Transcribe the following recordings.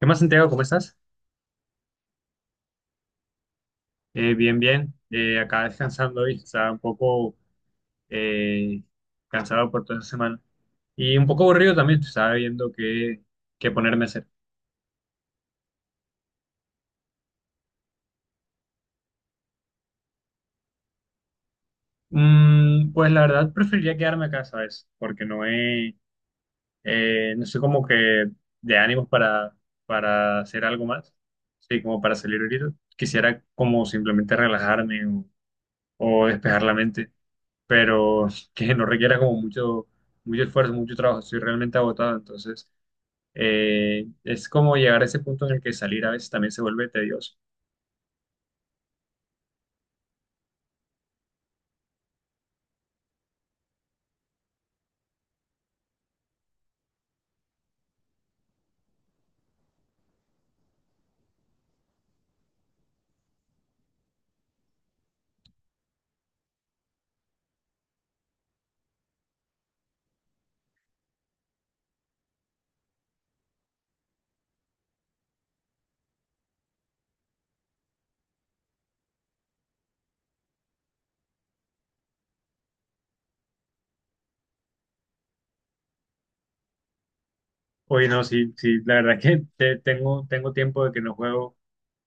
¿Qué más, Santiago? ¿Cómo estás? Bien, bien. Acá descansando hoy. Estaba un poco eh, cansado por toda esta semana. Y un poco aburrido también. Estaba viendo qué ponerme a hacer. Mm, pues la verdad preferiría quedarme acá, ¿sabes? Porque no sé, como que de para hacer algo más. Sí, como para salir ahorita. Quisiera como simplemente o despejar la mente, pero que no requiera mucho esfuerzo, mucho trabajo. Estoy realmente agotado, entonces es como llegar a ese punto en el que salir a veces también se vuelve tedioso. Oye, no, sí, sí, la verdad es que tengo, tengo tiempo de que no juego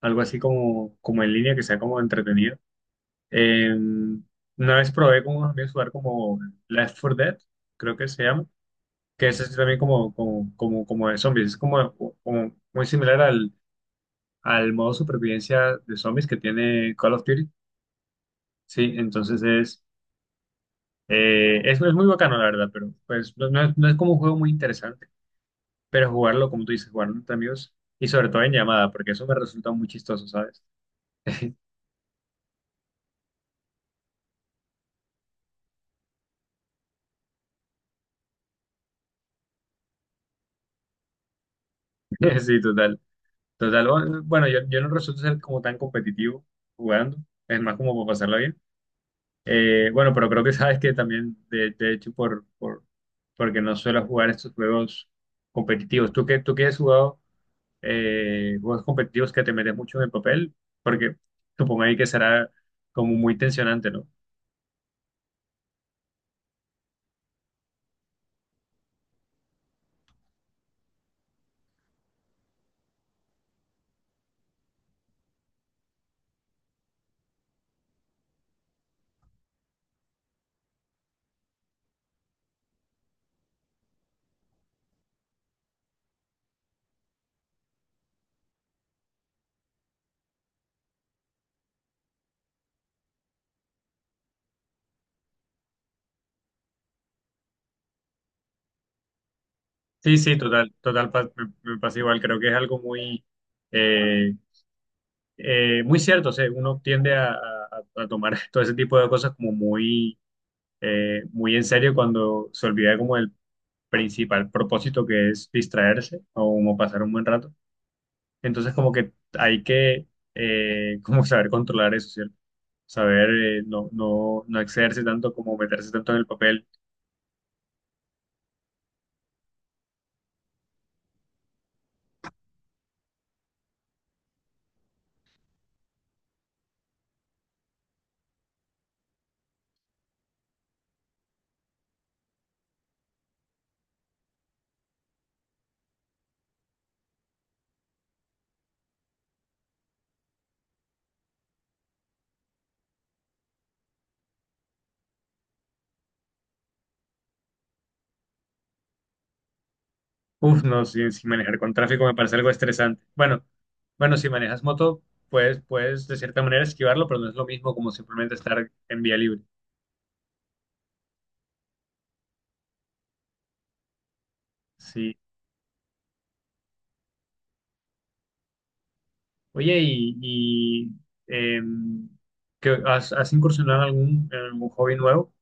algo así como en línea, que sea como entretenido. Eh, una vez probé con unos amigos jugar como Left 4 Dead, creo que se llama, que es así también como de zombies, es como muy similar al modo supervivencia de zombies que tiene Call of Duty. Sí, entonces es muy bacano, la verdad, pero pues no es, no es como un juego muy interesante, pero jugarlo, como tú dices, jugarlo entre amigos y sobre todo en llamada, porque eso me resulta muy chistoso, ¿sabes? Sí, total, total. Bueno, yo no resulto ser como tan competitivo jugando, es más como para pasarlo bien. Bueno, pero creo que sabes que también, de hecho, porque no suelo jugar estos juegos competitivos. ¿Tú qué has jugado? Juegos competitivos que te metes mucho en el papel, porque supongo ahí que será como muy tensionante, ¿no? Sí, sí, total, total, me pasa igual, creo que es algo muy, eh, muy cierto, o sea, uno tiende a tomar todo ese tipo de cosas como muy, muy en serio cuando se olvida como el principal propósito que es distraerse o como pasar un buen rato, entonces como que hay que como saber controlar eso, ¿cierto? Saber no excederse tanto como meterse tanto en el papel. Uf, no, si, si manejar con tráfico me parece algo estresante. Bueno, bueno, si manejas moto, pues puedes de cierta manera esquivarlo, pero no es lo mismo como simplemente estar en vía libre. Sí. Oye, em, ¿qué... has, has incursionado en en algún hobby nuevo?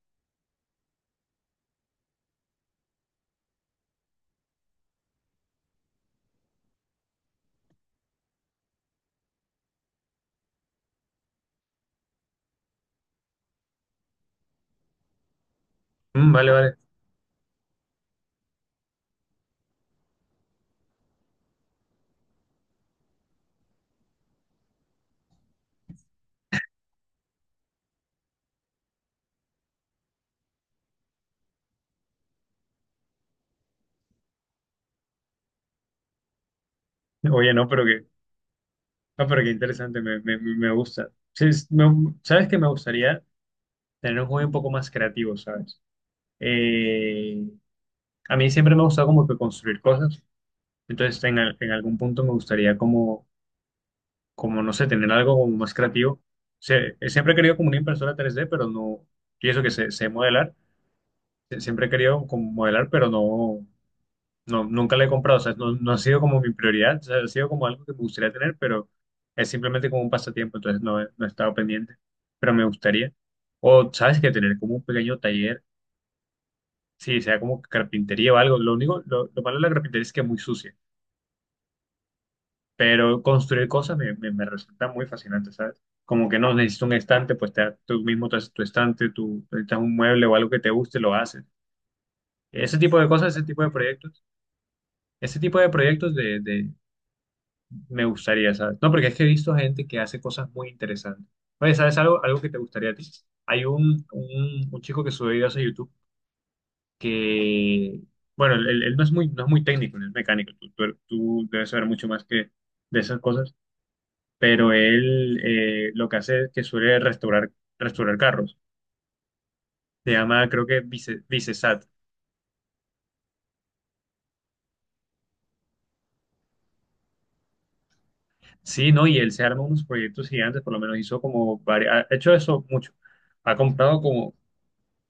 Mm, vale, vale. Oye, no, pero que, no, pero qué interesante, me gusta. Sí, sabes que me gustaría tener un hobby un poco más creativo, ¿sabes? Eh, A mí siempre me ha gustado como que construir cosas, entonces en algún punto me gustaría no sé, tener algo como más creativo. Siempre he querido como una impresora 3D, pero no, y eso que sé, sé modelar. Siempre he querido como modelar, pero no, nunca la he comprado, o sea, no ha sido como mi prioridad, o sea, ha sido como algo que me gustaría tener, pero es simplemente como un pasatiempo, entonces no he estado pendiente, pero me gustaría. O, ¿sabes? Que Tener como un pequeño taller, sí, sea como carpintería o algo. Lo único, lo malo de la carpintería es que es muy sucia, pero construir cosas me resulta muy fascinante, ¿sabes? Como que no necesito un estante, pues tú mismo te haces tu estante, tú necesitas un mueble o algo que te guste, lo haces. Ese tipo de cosas, ese tipo de proyectos, ese tipo de me gustaría, ¿sabes? No, porque es que he visto gente que hace cosas muy interesantes. Oye, ¿sabes algo que te gustaría a ti? Hay un chico que sube videos a YouTube que, bueno, él no es muy, no es muy técnico, no es mecánico. Tú debes saber mucho más que de esas cosas, pero él lo que hace es que suele restaurar, restaurar carros. Se llama, creo que Vicesat. Sí, ¿no? Y él se arma unos proyectos gigantes, por lo menos hizo como varios, ha hecho eso mucho. Ha comprado como,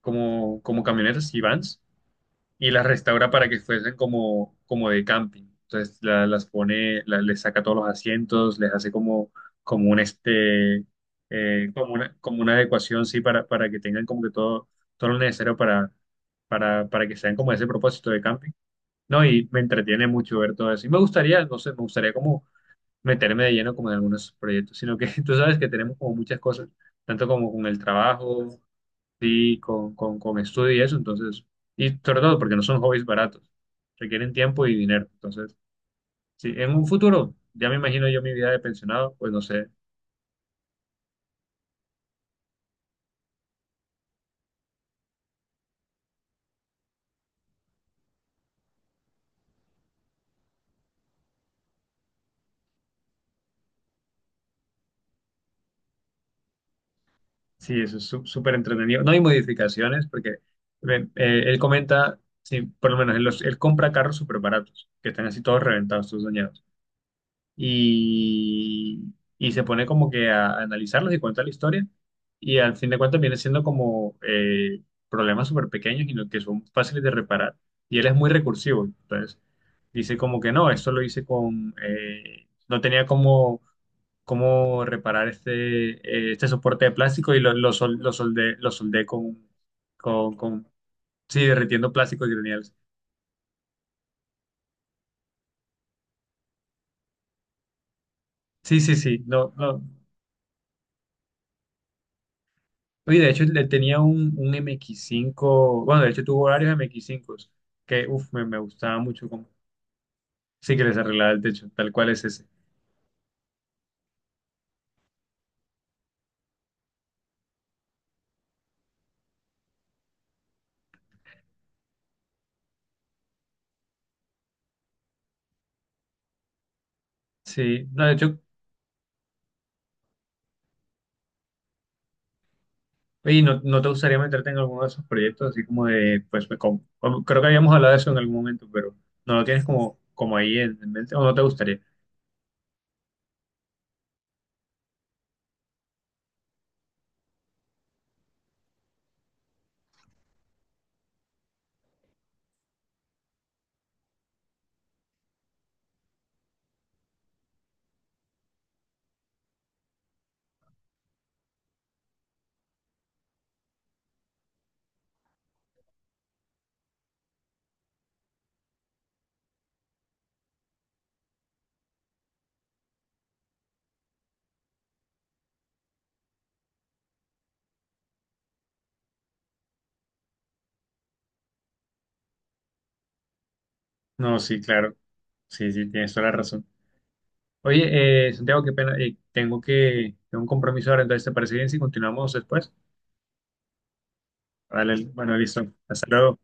como, como camionetas y vans y las restaura para que fuesen como, como de camping. Entonces las pone, les saca todos los asientos, les hace como un este, como una adecuación, sí, para que tengan como que todo, todo lo necesario para que sean como ese propósito de camping. No, y me entretiene mucho ver todo eso. Y me gustaría, no sé, me gustaría como meterme de lleno como en algunos proyectos, sino que tú sabes que tenemos como muchas cosas, tanto como con el trabajo, sí, con estudio y eso, entonces, y sobre todo porque no son hobbies baratos, requieren tiempo y dinero. Entonces, sí, en un futuro, ya me imagino yo mi vida de pensionado, pues no sé. Sí, eso es súper entretenido. No hay modificaciones porque ven, él comenta, sí, por lo menos él, él compra carros súper baratos, que están así todos reventados, todos dañados, y, y se pone como que a analizarlos y cuenta la historia. Y al fin de cuentas viene siendo como problemas súper pequeños y que son fáciles de reparar. Y él es muy recursivo. Entonces dice como que no, esto lo hice con... no tenía cómo, cómo reparar este, este soporte de plástico y lo soldé con... Sí, derritiendo plástico y granel. Sí, sí, sí. No, no. Oye, de hecho, le tenía un M X cinco. Bueno, de hecho tuvo varios MX-5 que, uff, me gustaba mucho como, sí, que les arreglaba el techo, tal cual es ese. Sí, no, de hecho, oye, no te gustaría meterte en alguno de esos proyectos así como de, pues, creo que habíamos hablado de eso en algún momento, pero no lo tienes como ahí en mente, o no te gustaría? No, sí, claro, sí, sí, tienes toda la razón. Oye, Santiago, qué pena, tengo tengo un compromiso ahora, entonces, ¿te parece bien si continuamos después? Vale, bueno, listo, hasta luego.